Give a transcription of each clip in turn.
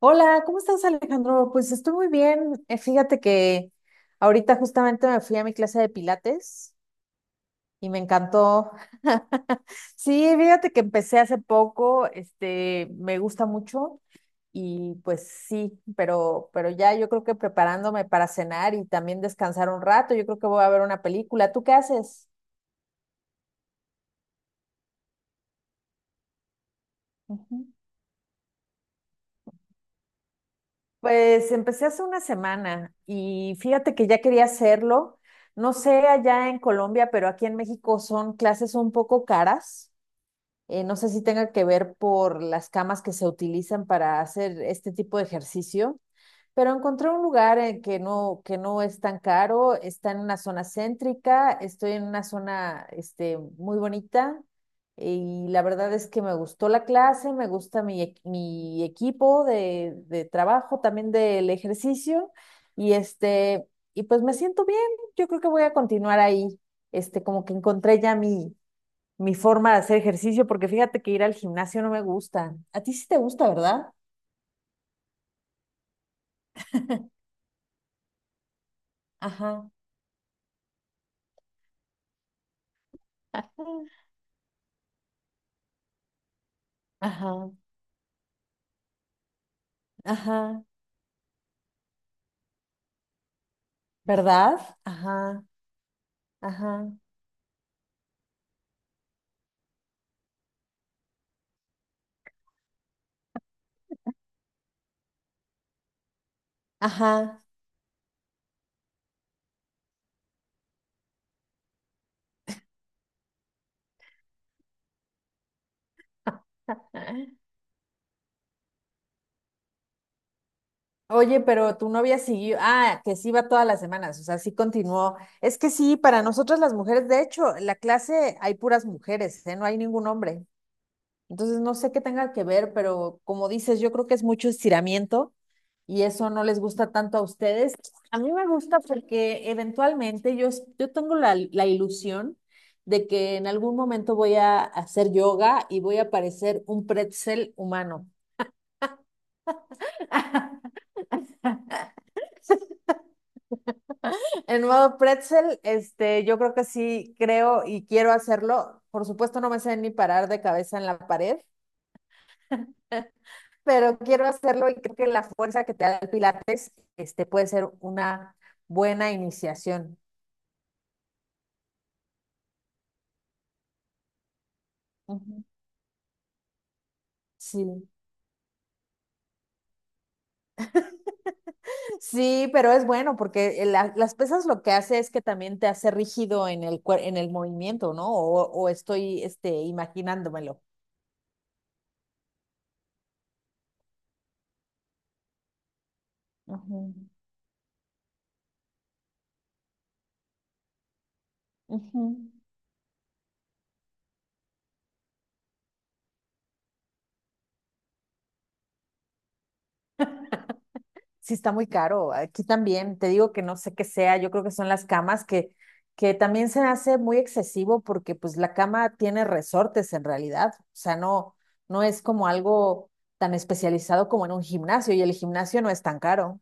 Hola, ¿cómo estás, Alejandro? Pues estoy muy bien. Fíjate que ahorita justamente me fui a mi clase de pilates y me encantó. Sí, fíjate que empecé hace poco, me gusta mucho y pues sí, pero ya yo creo que preparándome para cenar y también descansar un rato, yo creo que voy a ver una película. ¿Tú qué haces? Pues empecé hace una semana y fíjate que ya quería hacerlo. No sé allá en Colombia, pero aquí en México son clases un poco caras. No sé si tenga que ver por las camas que se utilizan para hacer este tipo de ejercicio. Pero encontré un lugar en que que no es tan caro, está en una zona céntrica, estoy en una zona muy bonita, y la verdad es que me gustó la clase, me gusta mi equipo de trabajo, también del ejercicio y, este, y pues me siento bien, yo creo que voy a continuar ahí, como que encontré ya mi forma de hacer ejercicio porque fíjate que ir al gimnasio no me gusta. A ti sí te gusta, ¿verdad? Ajá. Ajá. Ajá, ¿verdad? Ajá, ajá, ajá. Oye, pero tu novia siguió, ah, que sí va todas las semanas, o sea, sí continuó. Es que sí, para nosotras las mujeres, de hecho, en la clase hay puras mujeres, ¿eh? No hay ningún hombre. Entonces, no sé qué tenga que ver, pero como dices, yo creo que es mucho estiramiento y eso no les gusta tanto a ustedes. A mí me gusta porque eventualmente yo, yo tengo la ilusión de que en algún momento voy a hacer yoga y voy a parecer un pretzel humano. En modo pretzel, yo creo que sí creo y quiero hacerlo. Por supuesto, no me sé ni parar de cabeza en la pared, pero quiero hacerlo y creo que la fuerza que te da el pilates puede ser una buena iniciación. Ujú. Sí, sí, pero es bueno porque las pesas lo que hace es que también te hace rígido en en el movimiento, ¿no? O estoy imaginándomelo. Ujú, ujú. Sí, está muy caro. Aquí también, te digo que no sé qué sea, yo creo que son las camas que también se hace muy excesivo porque pues la cama tiene resortes en realidad. O sea, no es como algo tan especializado como en un gimnasio y el gimnasio no es tan caro.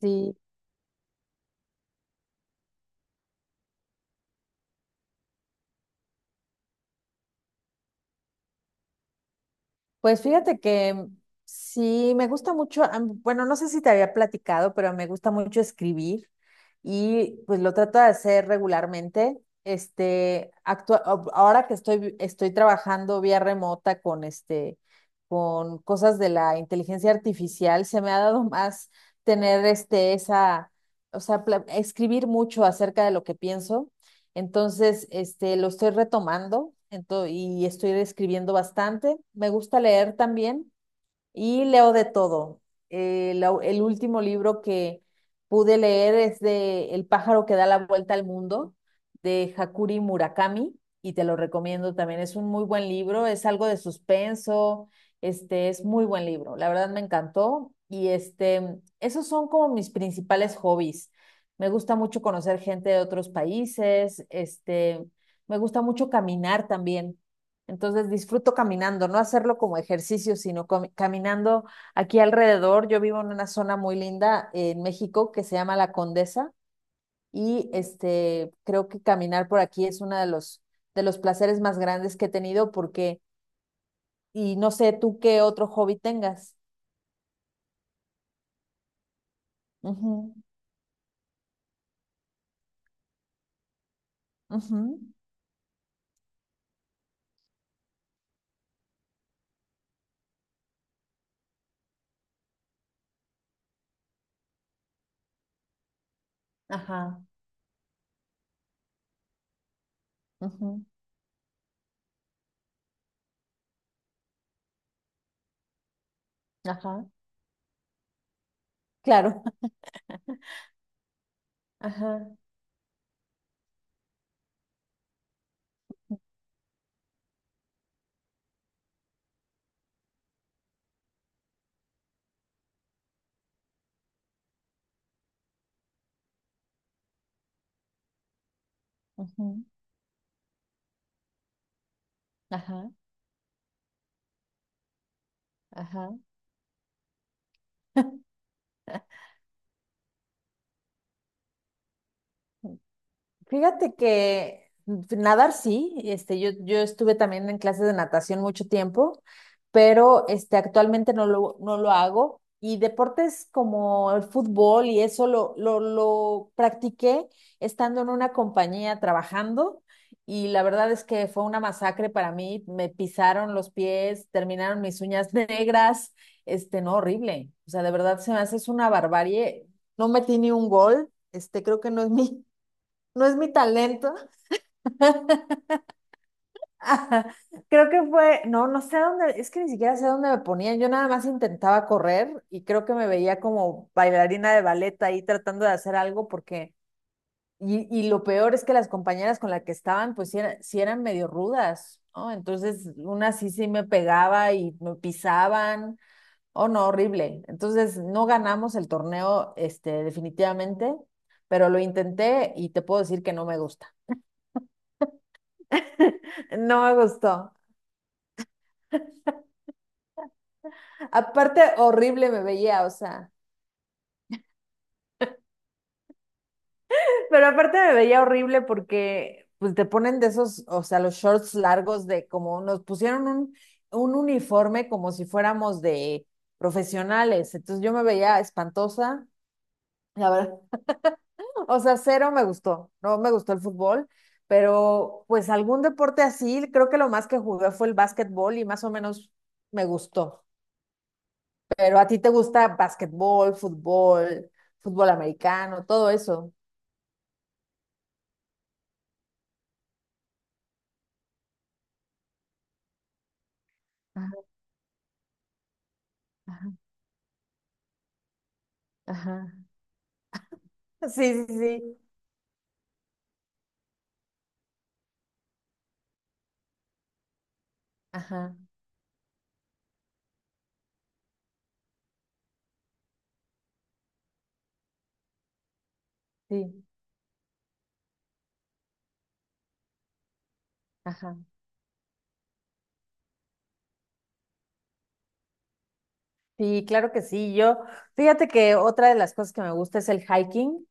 Sí. Pues fíjate que sí, me gusta mucho, bueno, no sé si te había platicado, pero me gusta mucho escribir y pues lo trato de hacer regularmente. Ahora que estoy trabajando vía remota con cosas de la inteligencia artificial, se me ha dado más tener o sea, escribir mucho acerca de lo que pienso. Entonces, lo estoy retomando y estoy escribiendo bastante. Me gusta leer también. Y leo de todo. El último libro que pude leer es de El pájaro que da la vuelta al mundo, de Hakuri Murakami, y te lo recomiendo también. Es un muy buen libro, es algo de suspenso, es muy buen libro. La verdad me encantó. Esos son como mis principales hobbies. Me gusta mucho conocer gente de otros países, me gusta mucho caminar también. Entonces disfruto caminando, no hacerlo como ejercicio, sino caminando aquí alrededor. Yo vivo en una zona muy linda en México que se llama La Condesa y creo que caminar por aquí es uno de los placeres más grandes que he tenido porque y no sé tú qué otro hobby tengas. Ujú, ujú, ajá, ujú, ajá, claro. Ajá, ujú, ajá, ajá. Fíjate que nadar sí, yo estuve también en clases de natación mucho tiempo, pero actualmente no lo hago. Y deportes como el fútbol y eso lo practiqué estando en una compañía trabajando y la verdad es que fue una masacre para mí. Me pisaron los pies, terminaron mis uñas negras, no, horrible. O sea, de verdad se me hace es una barbarie. No metí ni un gol, creo que no es mi talento. Ajá. Creo que fue, no, no sé a dónde, es que ni siquiera sé a dónde me ponían. Yo nada más intentaba correr y creo que me veía como bailarina de ballet ahí tratando de hacer algo porque, y lo peor es que las compañeras con las que estaban, pues sí, sí eran medio rudas, ¿no? Entonces, una sí sí me pegaba y me pisaban. Oh, no, horrible. Entonces, no ganamos el torneo, definitivamente, pero lo intenté y te puedo decir que no me gusta. No me gustó. Aparte, horrible me veía, o sea. Pero aparte me veía horrible porque pues te ponen de esos, o sea, los shorts largos de como nos pusieron un uniforme como si fuéramos de profesionales. Entonces yo me veía espantosa. La verdad, o sea, cero me gustó. No me gustó el fútbol, pero pues algún deporte así, creo que lo más que jugué fue el básquetbol y más o menos me gustó. Pero a ti te gusta básquetbol, fútbol, fútbol americano, todo eso. Ajá, ajá. Sí, sí, sí. Ajá, sí, ajá. Sí, claro que sí. Yo, fíjate que otra de las cosas que me gusta es el hiking.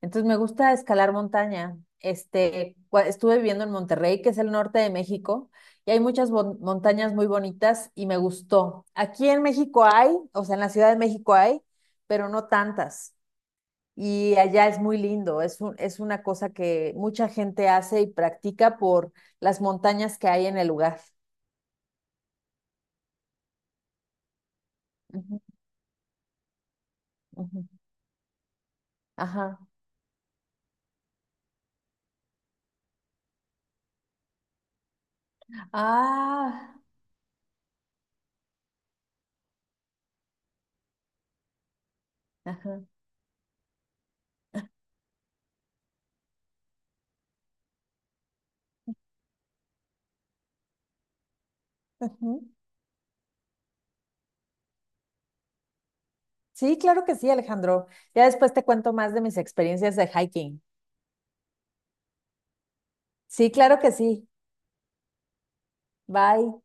Entonces me gusta escalar montaña. Estuve viviendo en Monterrey, que es el norte de México, y hay muchas montañas muy bonitas y me gustó. Aquí en México hay, o sea, en la Ciudad de México hay, pero no tantas. Y allá es muy lindo. Es una cosa que mucha gente hace y practica por las montañas que hay en el lugar. Ujú. Ajá. Ah, ajá. Ujú. Sí, claro que sí, Alejandro. Ya después te cuento más de mis experiencias de hiking. Sí, claro que sí. Bye.